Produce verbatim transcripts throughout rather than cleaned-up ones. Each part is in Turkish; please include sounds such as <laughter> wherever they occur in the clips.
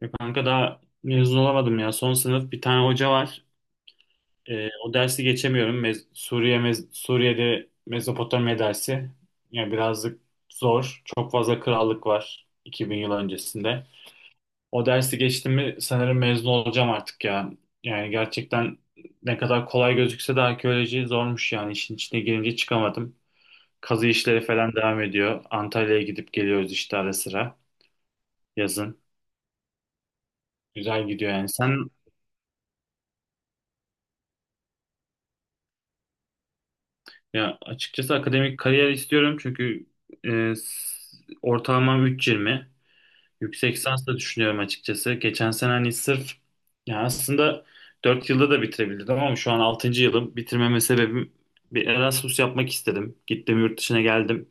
Ya kanka daha mezun olamadım ya. Son sınıf bir tane hoca var. Ee, o dersi geçemiyorum. Mez- Suriye mez- Suriye'de Mezopotamya dersi. Yani birazcık zor. Çok fazla krallık var iki bin yıl öncesinde. O dersi geçtim mi sanırım mezun olacağım artık ya. Yani gerçekten ne kadar kolay gözükse de arkeoloji zormuş yani. İşin içine girince çıkamadım. Kazı işleri falan devam ediyor. Antalya'ya gidip geliyoruz işte ara sıra yazın. Güzel gidiyor yani. Sen? Ya açıkçası akademik kariyer istiyorum çünkü e, s- ortalamam üç virgül yirmi. Yüksek lisans da düşünüyorum açıkçası. Geçen sene hani sırf ya aslında dört yılda da bitirebilirdim ama şu an altıncı yılım. Bitirmeme sebebim bir Erasmus yapmak istedim. Gittim yurt dışına geldim.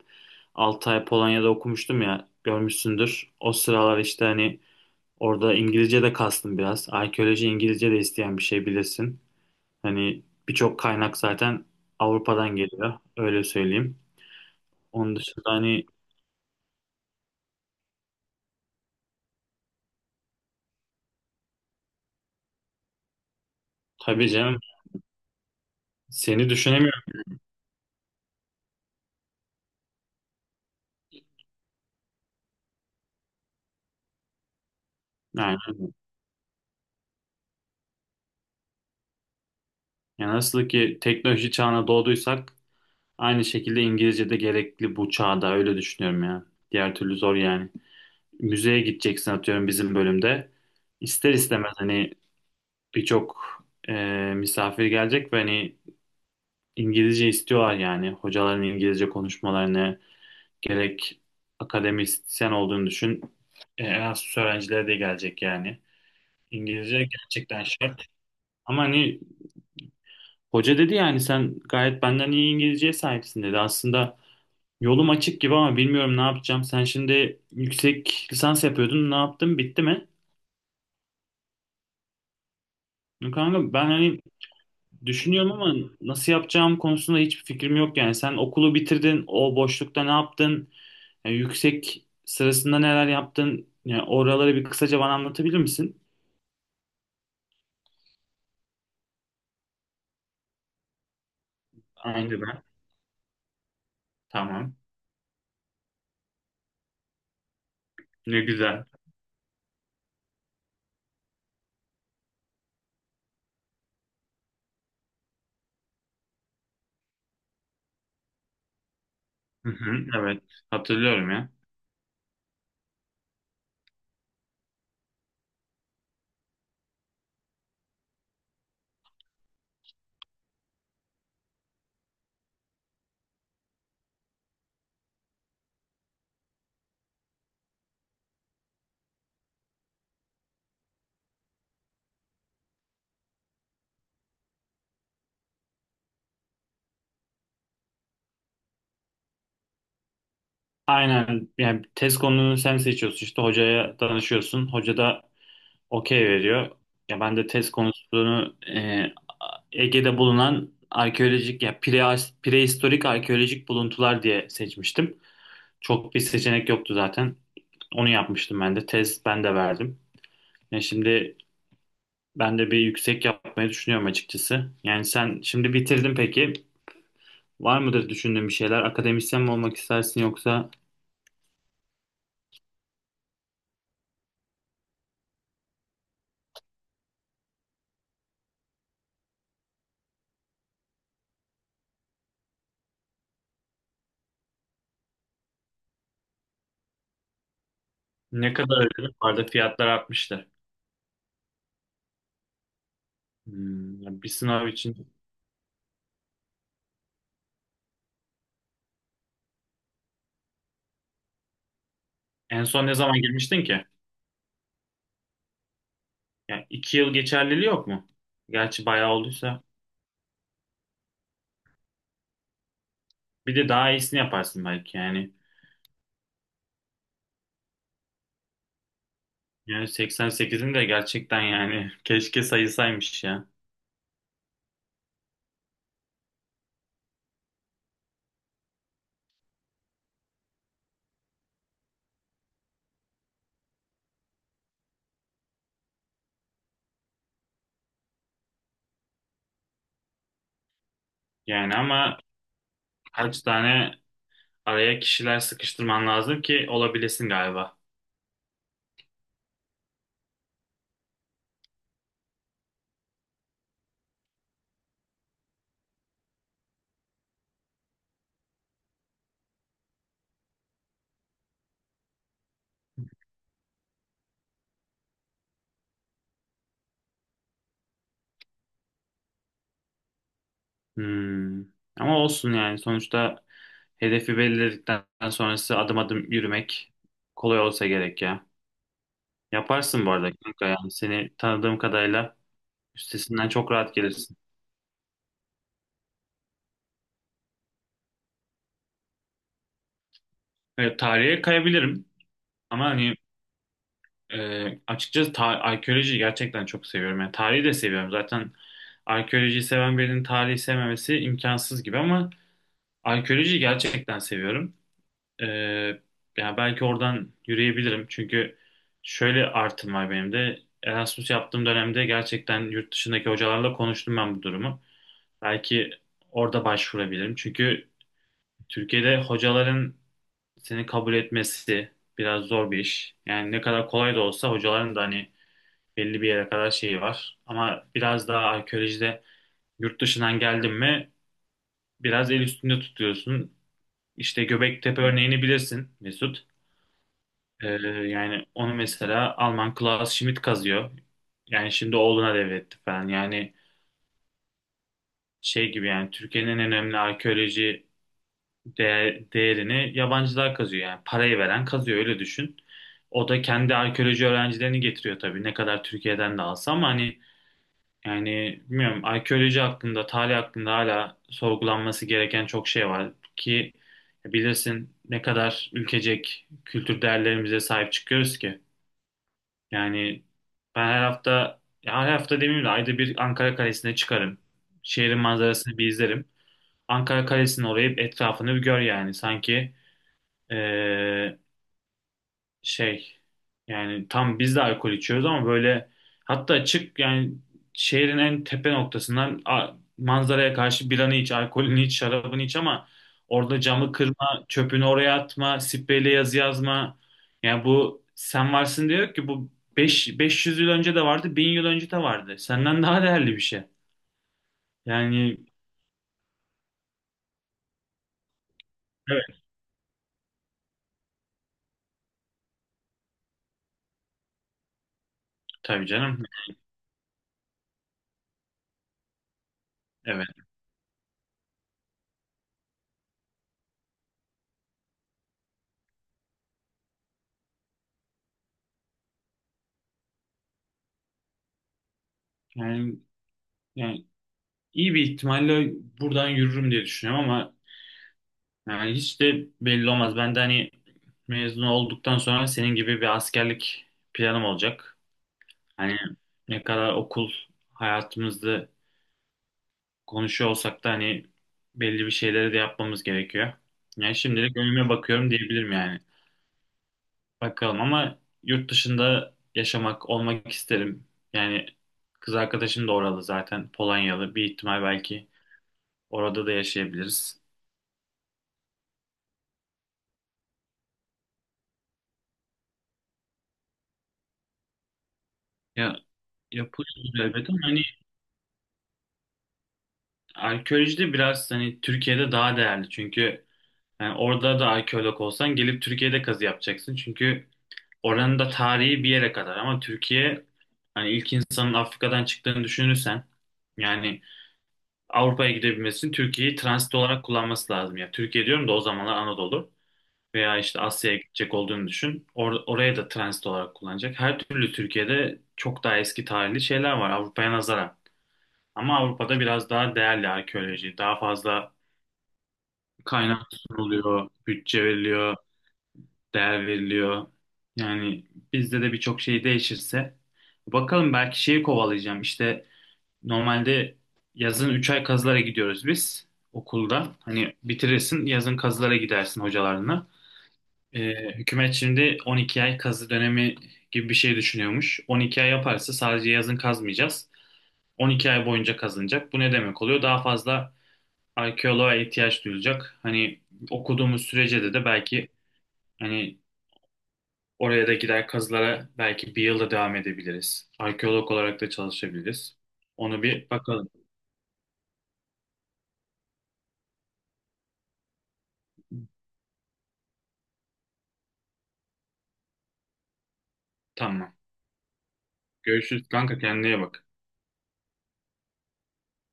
altı ay Polonya'da okumuştum ya görmüşsündür. O sıralar işte hani orada İngilizce de kastım biraz. Arkeoloji İngilizce de isteyen bir şey bilirsin. Hani birçok kaynak zaten Avrupa'dan geliyor. Öyle söyleyeyim. Onun dışında hani tabii canım seni düşünemiyorum. Yani, yani nasıl ki teknoloji çağına doğduysak aynı şekilde İngilizce de gerekli bu çağda. Öyle düşünüyorum ya. Diğer türlü zor yani. Müzeye gideceksin atıyorum bizim bölümde. İster istemez hani birçok e, misafir gelecek ve hani İngilizce istiyorlar yani. Hocaların İngilizce konuşmalarını gerek akademisyen olduğunu düşün. E, Erasmus öğrencilere de gelecek yani. İngilizce gerçekten şart. Ama hani hoca dedi yani sen gayet benden iyi İngilizceye sahipsin dedi. Aslında yolum açık gibi ama bilmiyorum ne yapacağım. Sen şimdi yüksek lisans yapıyordun. Ne yaptın? Bitti mi? Kanka ben hani düşünüyorum ama nasıl yapacağım konusunda hiçbir fikrim yok yani. Sen okulu bitirdin. O boşlukta ne yaptın? Yani yüksek sırasında neler yaptın? Yani oraları bir kısaca bana anlatabilir misin? Aynı ben. Tamam. Ne güzel. Hı hı, evet, hatırlıyorum ya. Aynen yani test konunu sen seçiyorsun işte hocaya danışıyorsun. Hoca da okey veriyor. Ya ben de test konusunu e, Ege'de bulunan arkeolojik ya pre, prehistorik arkeolojik buluntular diye seçmiştim. Çok bir seçenek yoktu zaten. Onu yapmıştım ben de. Tez ben de verdim. Ya şimdi ben de bir yüksek yapmayı düşünüyorum açıkçası. Yani sen şimdi bitirdin peki. Var mıdır düşündüğün bir şeyler? Akademisyen mi olmak istersin yoksa... Ne kadar ödedim? Vardı, fiyatlar artmıştır. Hmm, ya bir sınav için en son ne zaman girmiştin ki? Yani iki yıl geçerliliği yok mu? Gerçi bayağı olduysa. Bir de daha iyisini yaparsın belki yani. Yani seksen sekizin de gerçekten yani <laughs> keşke sayısaymış ya. Yani ama kaç tane araya kişiler sıkıştırman lazım ki olabilesin galiba. Hmm. Ama olsun yani sonuçta hedefi belirledikten sonrası adım adım yürümek kolay olsa gerek ya. Yaparsın bu arada kanka, yani seni tanıdığım kadarıyla üstesinden çok rahat gelirsin. Evet, tarihe kayabilirim ama hani e, açıkçası ta- arkeoloji gerçekten çok seviyorum. Yani tarihi de seviyorum. Zaten arkeolojiyi seven birinin tarihi sevmemesi imkansız gibi ama arkeolojiyi gerçekten seviyorum. E, Yani belki oradan yürüyebilirim çünkü şöyle artım var benim de. Erasmus yaptığım dönemde gerçekten yurt dışındaki hocalarla konuştum ben bu durumu. Belki orada başvurabilirim. Çünkü Türkiye'de hocaların seni kabul etmesi biraz zor bir iş. Yani ne kadar kolay da olsa hocaların da hani belli bir yere kadar şeyi var. Ama biraz daha arkeolojide yurt dışından geldin mi biraz el üstünde tutuyorsun. İşte Göbektepe örneğini bilirsin Mesut. Ee, Yani onu mesela Alman Klaus Schmidt kazıyor. Yani şimdi oğluna devretti falan. Yani şey gibi yani Türkiye'nin en önemli arkeoloji değer, değerini yabancılar kazıyor, yani parayı veren kazıyor öyle düşün. O da kendi arkeoloji öğrencilerini getiriyor tabii ne kadar Türkiye'den de alsa ama hani yani bilmiyorum arkeoloji hakkında tarih hakkında hala sorgulanması gereken çok şey var ki bilirsin ne kadar ülkecek kültür değerlerimize sahip çıkıyoruz ki. Yani ben her hafta ya her hafta demeyeyim de ayda bir Ankara Kalesi'ne çıkarım. Şehrin manzarasını bir izlerim. Ankara Kalesi'nin orayı, etrafını bir gör yani sanki ee, şey yani tam biz de alkol içiyoruz ama böyle hatta açık yani şehrin en tepe noktasından a- manzaraya karşı biranı iç, alkolünü iç, şarabını iç ama orada camı kırma, çöpünü oraya atma, spreyle yazı yazma. Yani bu, sen varsın diyor ki bu beş beş yüz yıl önce de vardı, bin yıl önce de vardı. Senden daha değerli bir şey. Yani, evet, tabii canım. Evet. Yani yani iyi bir ihtimalle buradan yürürüm diye düşünüyorum ama yani hiç de belli olmaz. Ben de hani mezun olduktan sonra senin gibi bir askerlik planım olacak. Hani ne kadar okul hayatımızda konuşuyor olsak da hani belli bir şeyleri de yapmamız gerekiyor. Yani şimdilik önüme bakıyorum diyebilirim yani. Bakalım ama yurt dışında yaşamak, olmak isterim. Yani kız arkadaşım da oralı zaten. Polonyalı. Bir ihtimal belki orada da yaşayabiliriz. Ya yapılıyor elbette ama hani arkeolojide biraz hani Türkiye'de daha değerli çünkü yani orada da arkeolog olsan gelip Türkiye'de kazı yapacaksın çünkü oranın da tarihi bir yere kadar ama Türkiye hani ilk insanın Afrika'dan çıktığını düşünürsen yani Avrupa'ya gidebilmesi için Türkiye'yi transit olarak kullanması lazım. Ya Türkiye diyorum da o zamanlar Anadolu veya işte Asya'ya gidecek olduğunu düşün. Or- oraya da transit olarak kullanacak. Her türlü Türkiye'de çok daha eski tarihli şeyler var Avrupa'ya nazaran. Ama Avrupa'da biraz daha değerli arkeoloji, daha fazla kaynak sunuluyor, bütçe veriliyor, değer veriliyor. Yani bizde de birçok şey değişirse bakalım belki şeyi kovalayacağım. İşte normalde yazın üç ay kazılara gidiyoruz biz okulda. Hani bitirirsin yazın kazılara gidersin hocalarına. Ee, hükümet şimdi on iki ay kazı dönemi gibi bir şey düşünüyormuş. on iki ay yaparsa sadece yazın kazmayacağız. on iki ay boyunca kazınacak. Bu ne demek oluyor? Daha fazla arkeoloğa ihtiyaç duyulacak. Hani okuduğumuz sürece de de belki hani oraya da gider kazılara belki bir yılda devam edebiliriz. Arkeolog olarak da çalışabiliriz. Onu bir bakalım. Tamam. Görüşürüz kanka, kendine iyi bak.